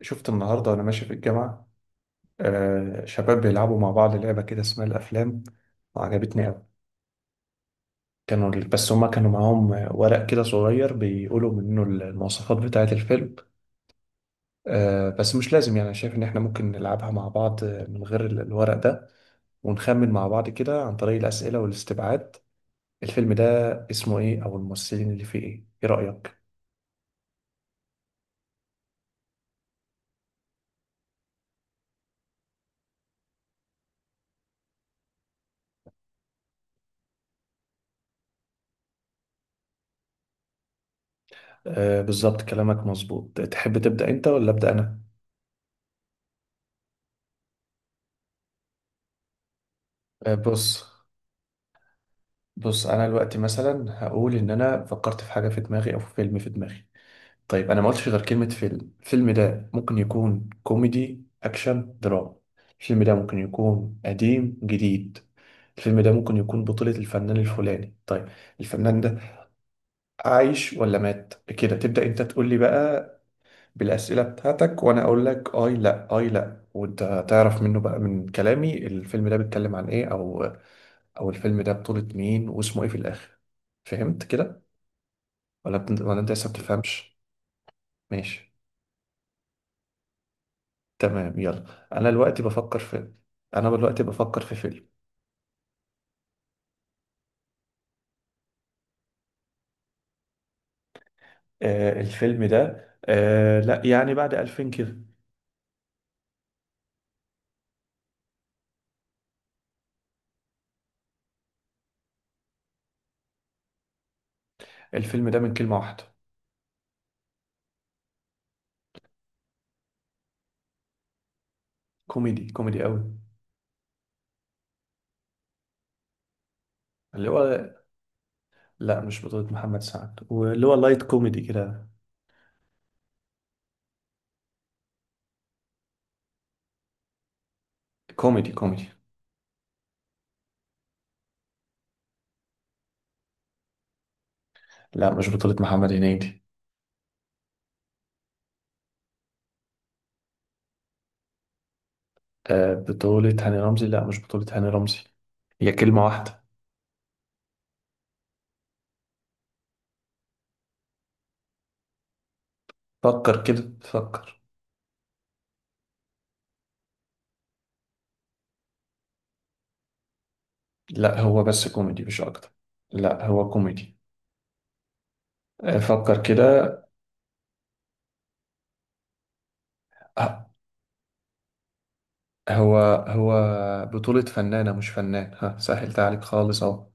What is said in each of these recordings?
شفت النهاردة وأنا ماشي في الجامعة، شباب بيلعبوا مع بعض لعبة كده اسمها الأفلام. وعجبتني أوي. كانوا بس هما كانوا معاهم ورق كده صغير بيقولوا منه المواصفات بتاعة الفيلم. بس مش لازم، يعني أنا شايف إن إحنا ممكن نلعبها مع بعض من غير الورق ده، ونخمن مع بعض كده عن طريق الأسئلة والاستبعاد. الفيلم ده اسمه إيه أو الممثلين اللي فيه إيه رأيك؟ آه، بالظبط، كلامك مظبوط. تحب تبدأ أنت ولا أبدأ أنا؟ آه، بص بص، انا دلوقتي مثلا هقول ان انا فكرت في حاجه في دماغي او في فيلم في دماغي. طيب، انا ما قلتش غير كلمه فيلم. الفيلم ده ممكن يكون كوميدي، اكشن، دراما. الفيلم ده ممكن يكون قديم، جديد. الفيلم ده ممكن يكون بطولة الفنان الفلاني. طيب، الفنان ده عايش ولا مات، كده تبدأ انت تقول لي بقى بالأسئلة بتاعتك، وانا اقول لك اي لا اي لا، وانت تعرف منه بقى من كلامي الفيلم ده بيتكلم عن ايه، او الفيلم ده بطولة مين واسمه ايه في الآخر. فهمت كده؟ ولا ولا انت لسه بتفهمش؟ ماشي، تمام. يلا، انا دلوقتي بفكر في فيلم. آه، الفيلم ده لا، يعني بعد 2000 كده. الفيلم ده من كلمة واحدة. كوميدي، كوميدي قوي. اللي هو، لا مش بطولة محمد سعد، واللي هو لايت كوميدي كده. كوميدي، كوميدي. لا، مش بطولة محمد هنيدي. آه، بطولة هاني رمزي؟ لا، مش بطولة هاني رمزي. هي كلمة واحدة. فكر كده، فكر. لا، هو بس كوميدي مش اكتر. لا، هو كوميدي. آه، فكر كده. آه، هو هو بطولة فنانة مش فنان، ها سهلت عليك خالص اهو.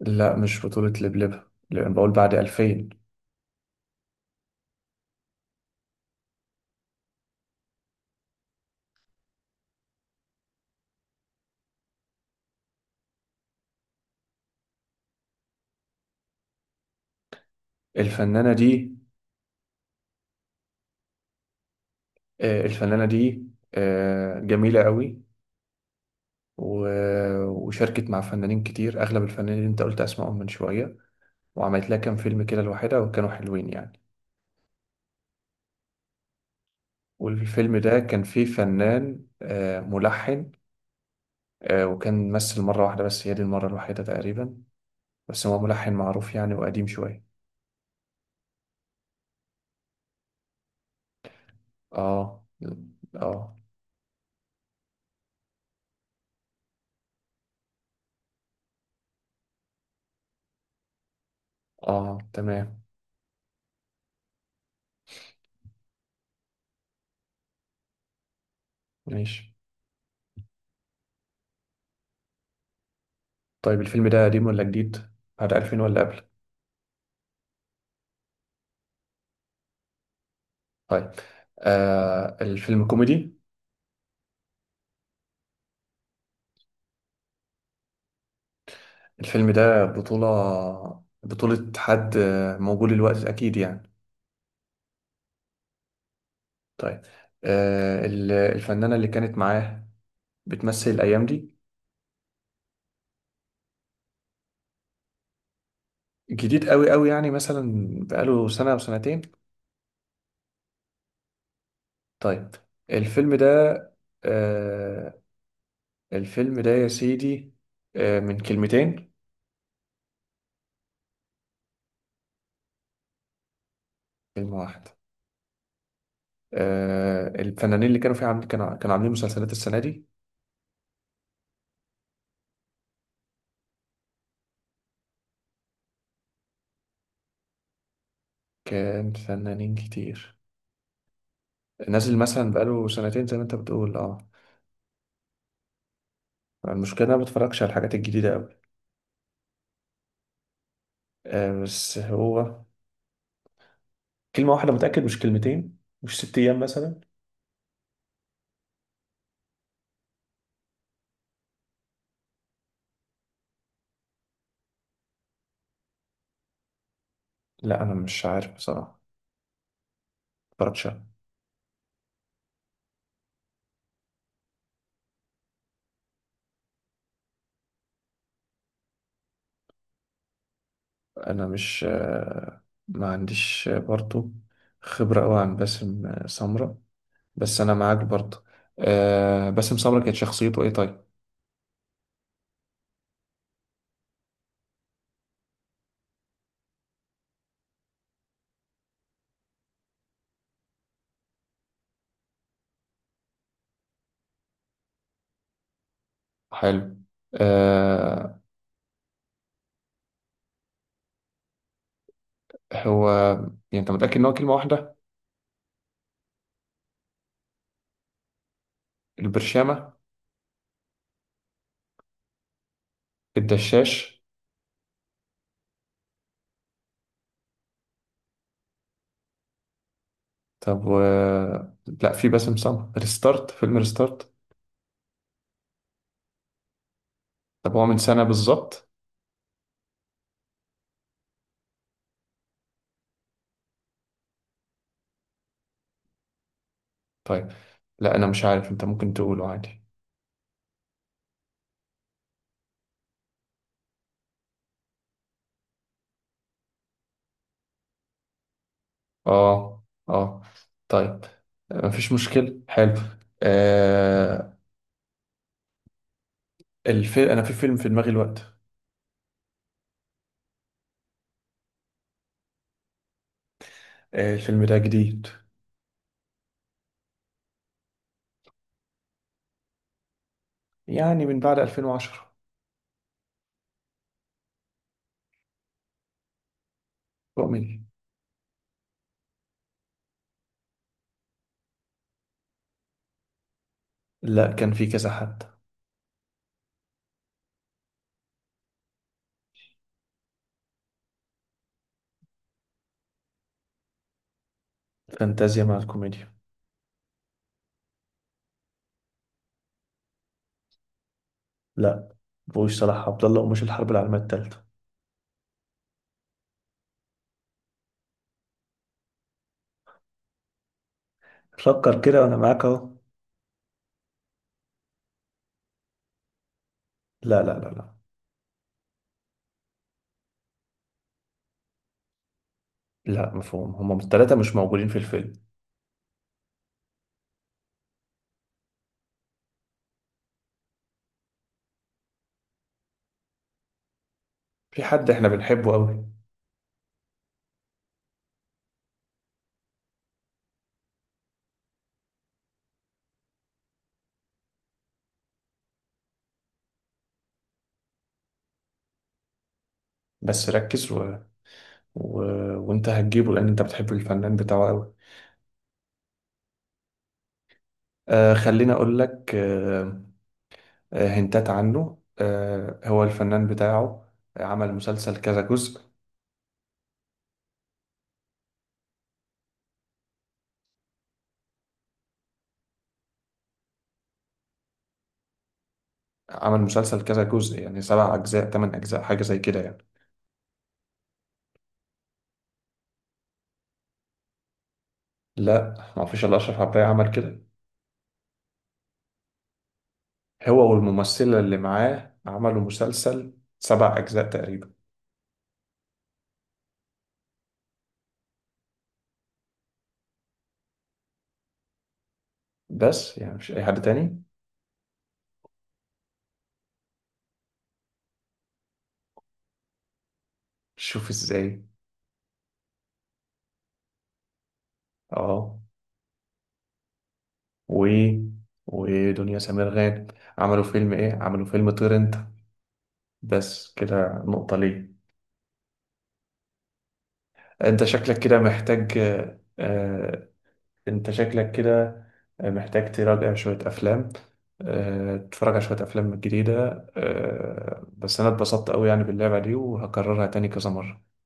لا، مش بطولة لبلبة، لأن بقول بعد 2000. الفنانة دي الفنانة دي جميلة قوي. وشاركت مع فنانين كتير، أغلب الفنانين اللي أنت قلت أسمائهم من شوية. وعملت لها كام فيلم كده لوحدها، وكانوا حلوين يعني. والفيلم ده كان فيه فنان، ملحن. وكان ممثل مرة واحدة، بس هي دي المرة الوحيدة تقريبا. بس هو ملحن معروف يعني، وقديم شوية. اه، اه، اه، تمام. ماشي. طيب، الفيلم ده قديم ولا جديد؟ بعد 2000 ولا قبل؟ طيب. آه، الفيلم كوميدي. الفيلم ده بطولة حد، موجود الوقت أكيد يعني. طيب. الفنانة اللي كانت معاه بتمثل الأيام دي. جديد قوي قوي يعني، مثلا بقاله سنة أو سنتين. طيب، الفيلم ده آه الفيلم ده يا سيدي من كلمتين. كلمة واحدة. الفنانين اللي كانوا فيها عاملين، كانوا عاملين مسلسلات السنة دي. كان فنانين كتير نازل، مثلا بقاله سنتين زي ما انت بتقول، اه. المشكلة انا ما بتفرجش على الحاجات الجديدة أوي. بس هو كلمة واحدة، متأكد، مش كلمتين. مش ست أيام مثلا. لا، أنا مش عارف بصراحة، متفرجش. أنا مش ما عنديش، برضو خبرة أوي عن باسم سمرة. بس أنا معاك برضو. آه، باسم سمرة كانت شخصيته إيه؟ طيب. حلو. آه، هو، يعني انت متأكد ان هو كلمة واحدة؟ البرشامة؟ الدشاش؟ طب. لا، في باسم سمرة ريستارت، فيلم ريستارت. طب هو من سنة بالظبط؟ طيب. لا، انا مش عارف، انت ممكن تقوله عادي. اه، اه. طيب، مفيش مشكلة. حلو. آه الفيلم انا في فيلم في دماغي الوقت. آه، الفيلم ده جديد، يعني من بعد 2010. كوميدي. لا، كان في كذا حد. فانتازيا مع الكوميديا. لا، بوش صلاح عبد الله ومش الحرب العالمية التالتة. فكر كده وانا معاك اهو. لا، لا، لا، لا. لا، مفهوم هما التلاتة مش موجودين في الفيلم. في حد احنا بنحبه قوي. بس ركز. و... وانت هتجيبه لان انت بتحب الفنان بتاعه قوي. خليني اقول لك. هنتات عنه. هو الفنان بتاعه عمل مسلسل كذا جزء عمل مسلسل كذا جزء، يعني سبع اجزاء، تمن اجزاء، حاجة زي كده يعني. لا، ما فيش الا اشرف عباية عمل كده. هو والممثلة اللي معاه عملوا مسلسل سبع اجزاء تقريبا. بس يعني مش اي حد تاني. شوف ازاي. اه. و ودنيا سمير غانم، عملوا فيلم ايه، عملوا فيلم طير انت. بس كده، نقطة ليه. انت شكلك كده محتاج. آه انت شكلك كده محتاج تراجع شوية افلام. تتفرج على شوية افلام جديدة. بس انا اتبسطت قوي يعني باللعبة دي، وهكررها تاني كذا مرة.